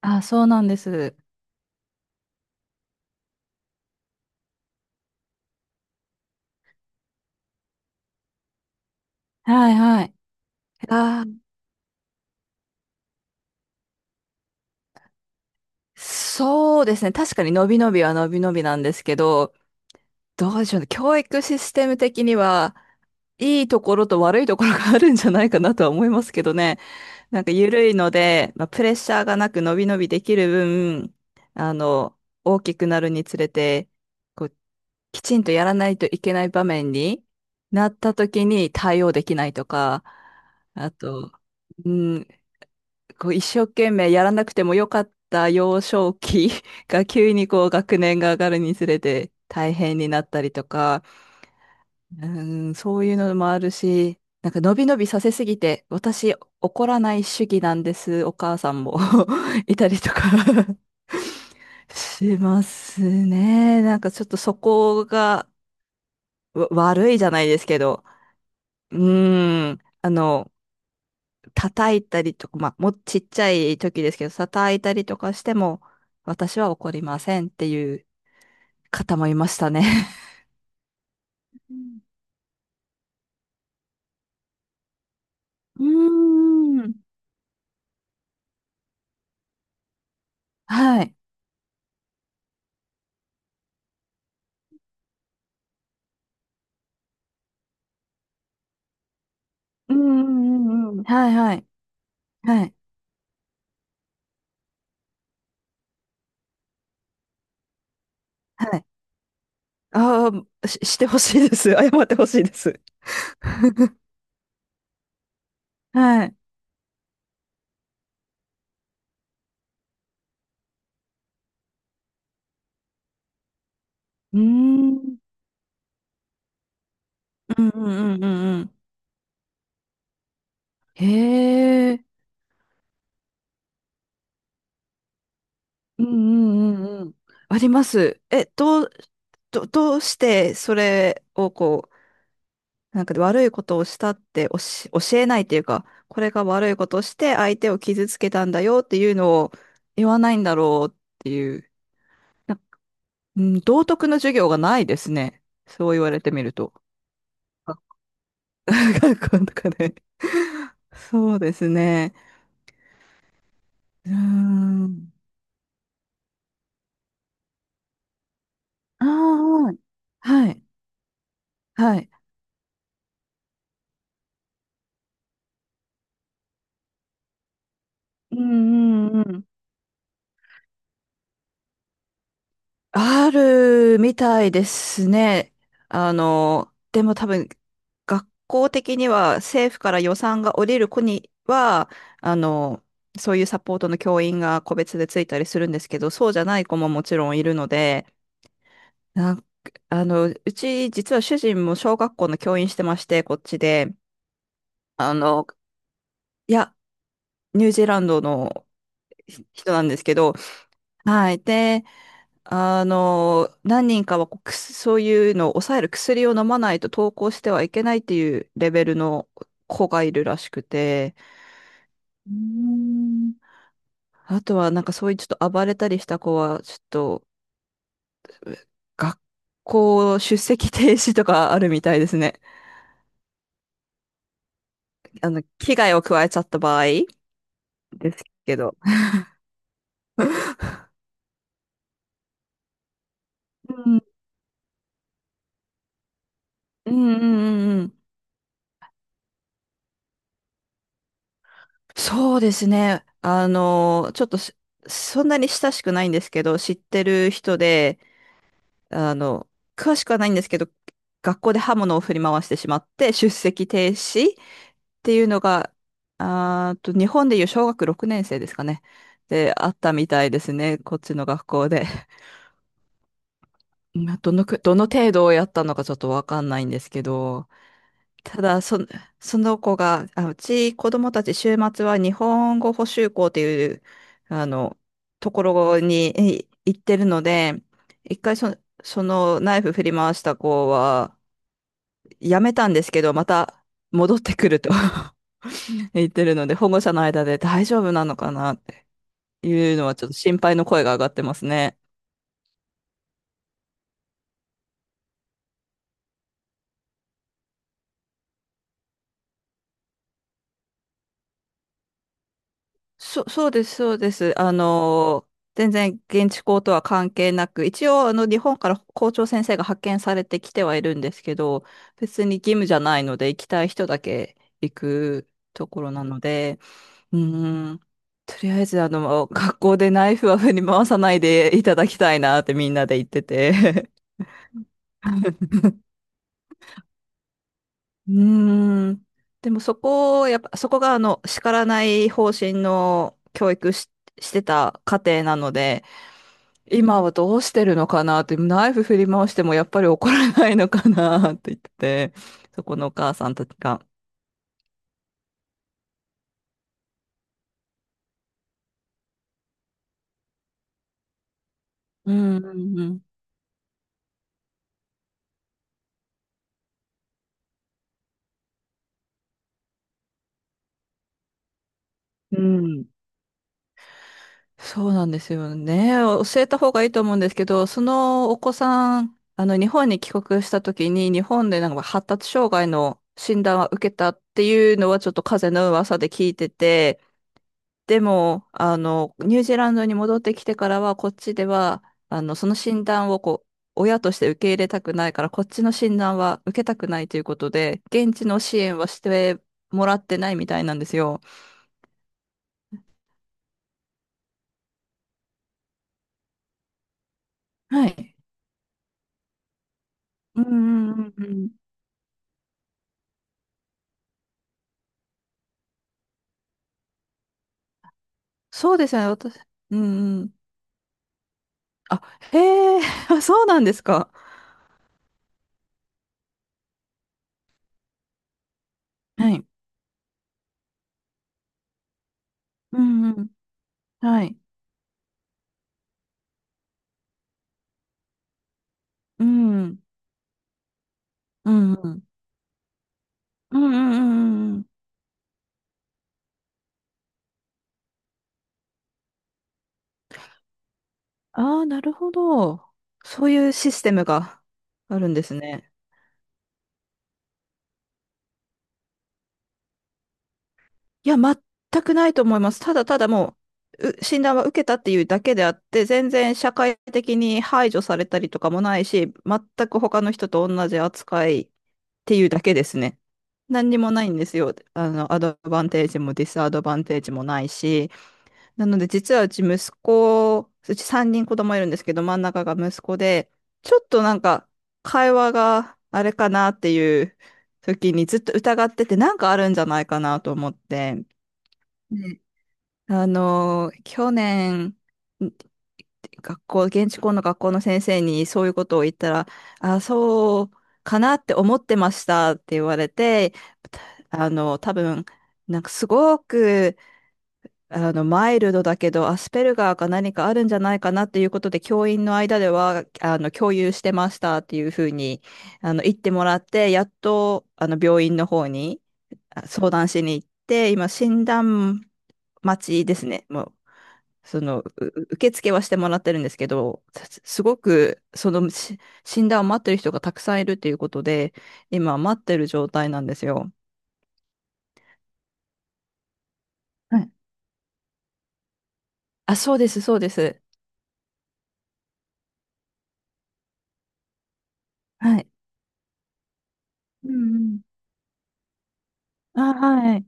あ、そうなんです。はいはい。あー、そうですね。確かに伸び伸びは伸び伸びなんですけど、どうでしょうね。教育システム的には、いいところと悪いところがあるんじゃないかなとは思いますけどね。なんか緩いので、まあ、プレッシャーがなく伸び伸びできる分、あの、大きくなるにつれて、こう、きちんとやらないといけない場面になった時に対応できないとか、あと、うん、こう一生懸命やらなくてもよかった幼少期 が急にこう学年が上がるにつれて大変になったりとか、うん、そういうのもあるし、なんか伸び伸びさせすぎて、私怒らない主義なんです、お母さんも いたりとか しますね。なんかちょっとそこが悪いじゃないですけど、うん、叩いたりとか、まあ、もうちっちゃい時ですけど、叩いたりとかしても、私は怒りませんっていう方もいましたね。うんうーん。はい。うんうんうんうん。はいはい。はい。はい。ああ、してほしいです。謝ってほしいです。はい。うーん。うんうんうんうんうん。へえ。うんうんうんうん。あります。え、どう、ど、どうしてそれをなんか悪いことをしたって教えないっていうか、これが悪いことをして相手を傷つけたんだよっていうのを言わないんだろうっていう、うん、道徳の授業がないですね。そう言われてみると。あ 学校とかでそうですね。うーん。ああ、はい。はい。はい。うんうんうん。あるみたいですね。でも多分、学校的には政府から予算が下りる子には、あの、そういうサポートの教員が個別でついたりするんですけど、そうじゃない子ももちろんいるので、なんあの、うち実は主人も小学校の教員してまして、こっちで、あの、いや、ニュージーランドの人なんですけど、はい。で、あの、何人かはこうくすそういうのを抑える薬を飲まないと登校してはいけないっていうレベルの子がいるらしくて、うーん、あとはなんかそういうちょっと暴れたりした子は、ちょっと学校出席停止とかあるみたいですね。あの、危害を加えちゃった場合ですけど。うんうんうんうんうん。そうですね。あの、ちょっとしそんなに親しくないんですけど、知ってる人で、あの、詳しくはないんですけど、学校で刃物を振り回してしまって出席停止っていうのが、あーと、日本でいう小学6年生ですかね。で、あったみたいですね。こっちの学校で。どの程度をやったのかちょっとわかんないんですけど、ただ、そ、その子が、うち子供たち週末は日本語補習校っていう、あの、ところに行ってるので、一回そ、そのナイフ振り回した子は、やめたんですけど、また戻ってくると 言ってるので、保護者の間で大丈夫なのかなっていうのはちょっと心配の声が上がってますね。そうです、そうです。あの、全然現地校とは関係なく、一応あの日本から校長先生が派遣されてきてはいるんですけど、別に義務じゃないので、行きたい人だけ行くところなので、うーん、とりあえずあの、学校でナイフは振り回さないでいただきたいなってみんなで言っててうーん。でもそこを、やっぱ、そこがあの、叱らない方針の教育し、してた家庭なので、今はどうしてるのかなって、ナイフ振り回してもやっぱり怒らないのかなって言ってて、そこのお母さんたちが。うんうんうん。うん、そうなんですよね。教えた方がいいと思うんですけど、そのお子さん、あの、日本に帰国した時に、日本でなんか発達障害の診断は受けたっていうのはちょっと風の噂で聞いてて、でも、あの、ニュージーランドに戻ってきてからは、こっちでは、その診断をこう、親として受け入れたくないから、こっちの診断は受けたくないということで、現地の支援はしてもらってないみたいなんですよ。はい。うんうんうんうん。そうですよね、私。うんうん。あ、へえ、あ、そうなんですか。はい。うんうん。はい。うんうん。うんうん。うんうんうんうんうん。ああ、なるほど。そういうシステムがあるんですね。いや、全くないと思います。ただただもう、う診断は受けたっていうだけであって、全然社会的に排除されたりとかもないし、全く他の人と同じ扱いっていうだけですね。何にもないんですよ。あの、アドバンテージもディスアドバンテージもないし。なので、実はうち息子、うち3人子供いるんですけど、真ん中が息子で、ちょっとなんか、会話があれかなっていう時にずっと疑ってて、なんかあるんじゃないかなと思って。あの、去年、ん学校、現地校の学校の先生にそういうことを言ったら、あ、そうかなって思ってましたって言われて、あの、多分、なんかすごく、あの、マイルドだけど、アスペルガーか何かあるんじゃないかなっていうことで、教員の間では、あの、共有してましたっていうふうに、あの、言ってもらって、やっと、あの、病院の方に相談しに行って、今、診断待ちですね。もうその、う受付はしてもらってるんですけど、すごく、診断を待ってる人がたくさんいるっていうことで、今待ってる状態なんですよ。はい。あ、そうです、そうです。はい。うんうん。あ、はい。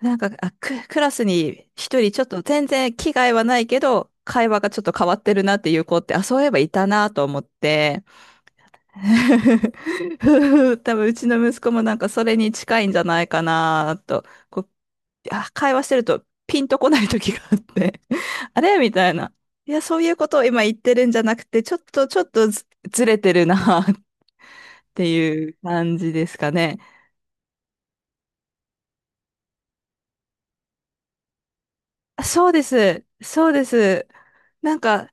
なんか、クラスに一人ちょっと全然気概はないけど、会話がちょっと変わってるなっていう子って、あ、そういえばいたなと思って、多分うちの息子もなんかそれに近いんじゃないかなと、こう会話してるとピンとこない時があって あれみたいな。いや、そういうことを今言ってるんじゃなくて、ちょっと、ずれてるな っていう感じですかね。あ、そうです。そうです。なんか、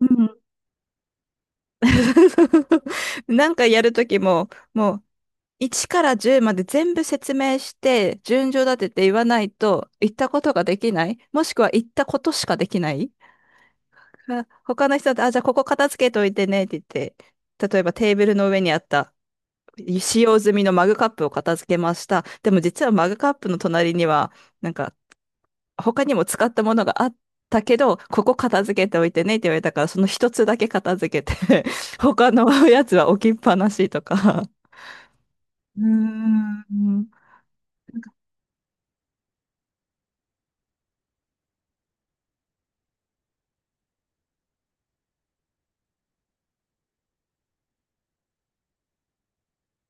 うん。なんかやるときも、もう、1から10まで全部説明して、順序立てて言わないと、言ったことができない。もしくは言ったことしかできない。まあ、他の人だと、あ、じゃあここ片付けといてねって言って、例えばテーブルの上にあった使用済みのマグカップを片付けました。でも実はマグカップの隣には、なんか他にも使ったものがあったけど、ここ片付けておいてねって言われたから、その一つだけ片付けて 他のやつは置きっぱなしとか。うーん。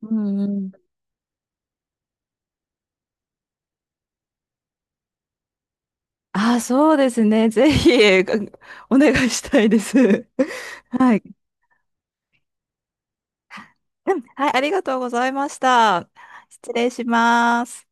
うんうん。あ、そうですね。ぜひ、お願いしたいです。はい。うん、はい、ありがとうございました。失礼します。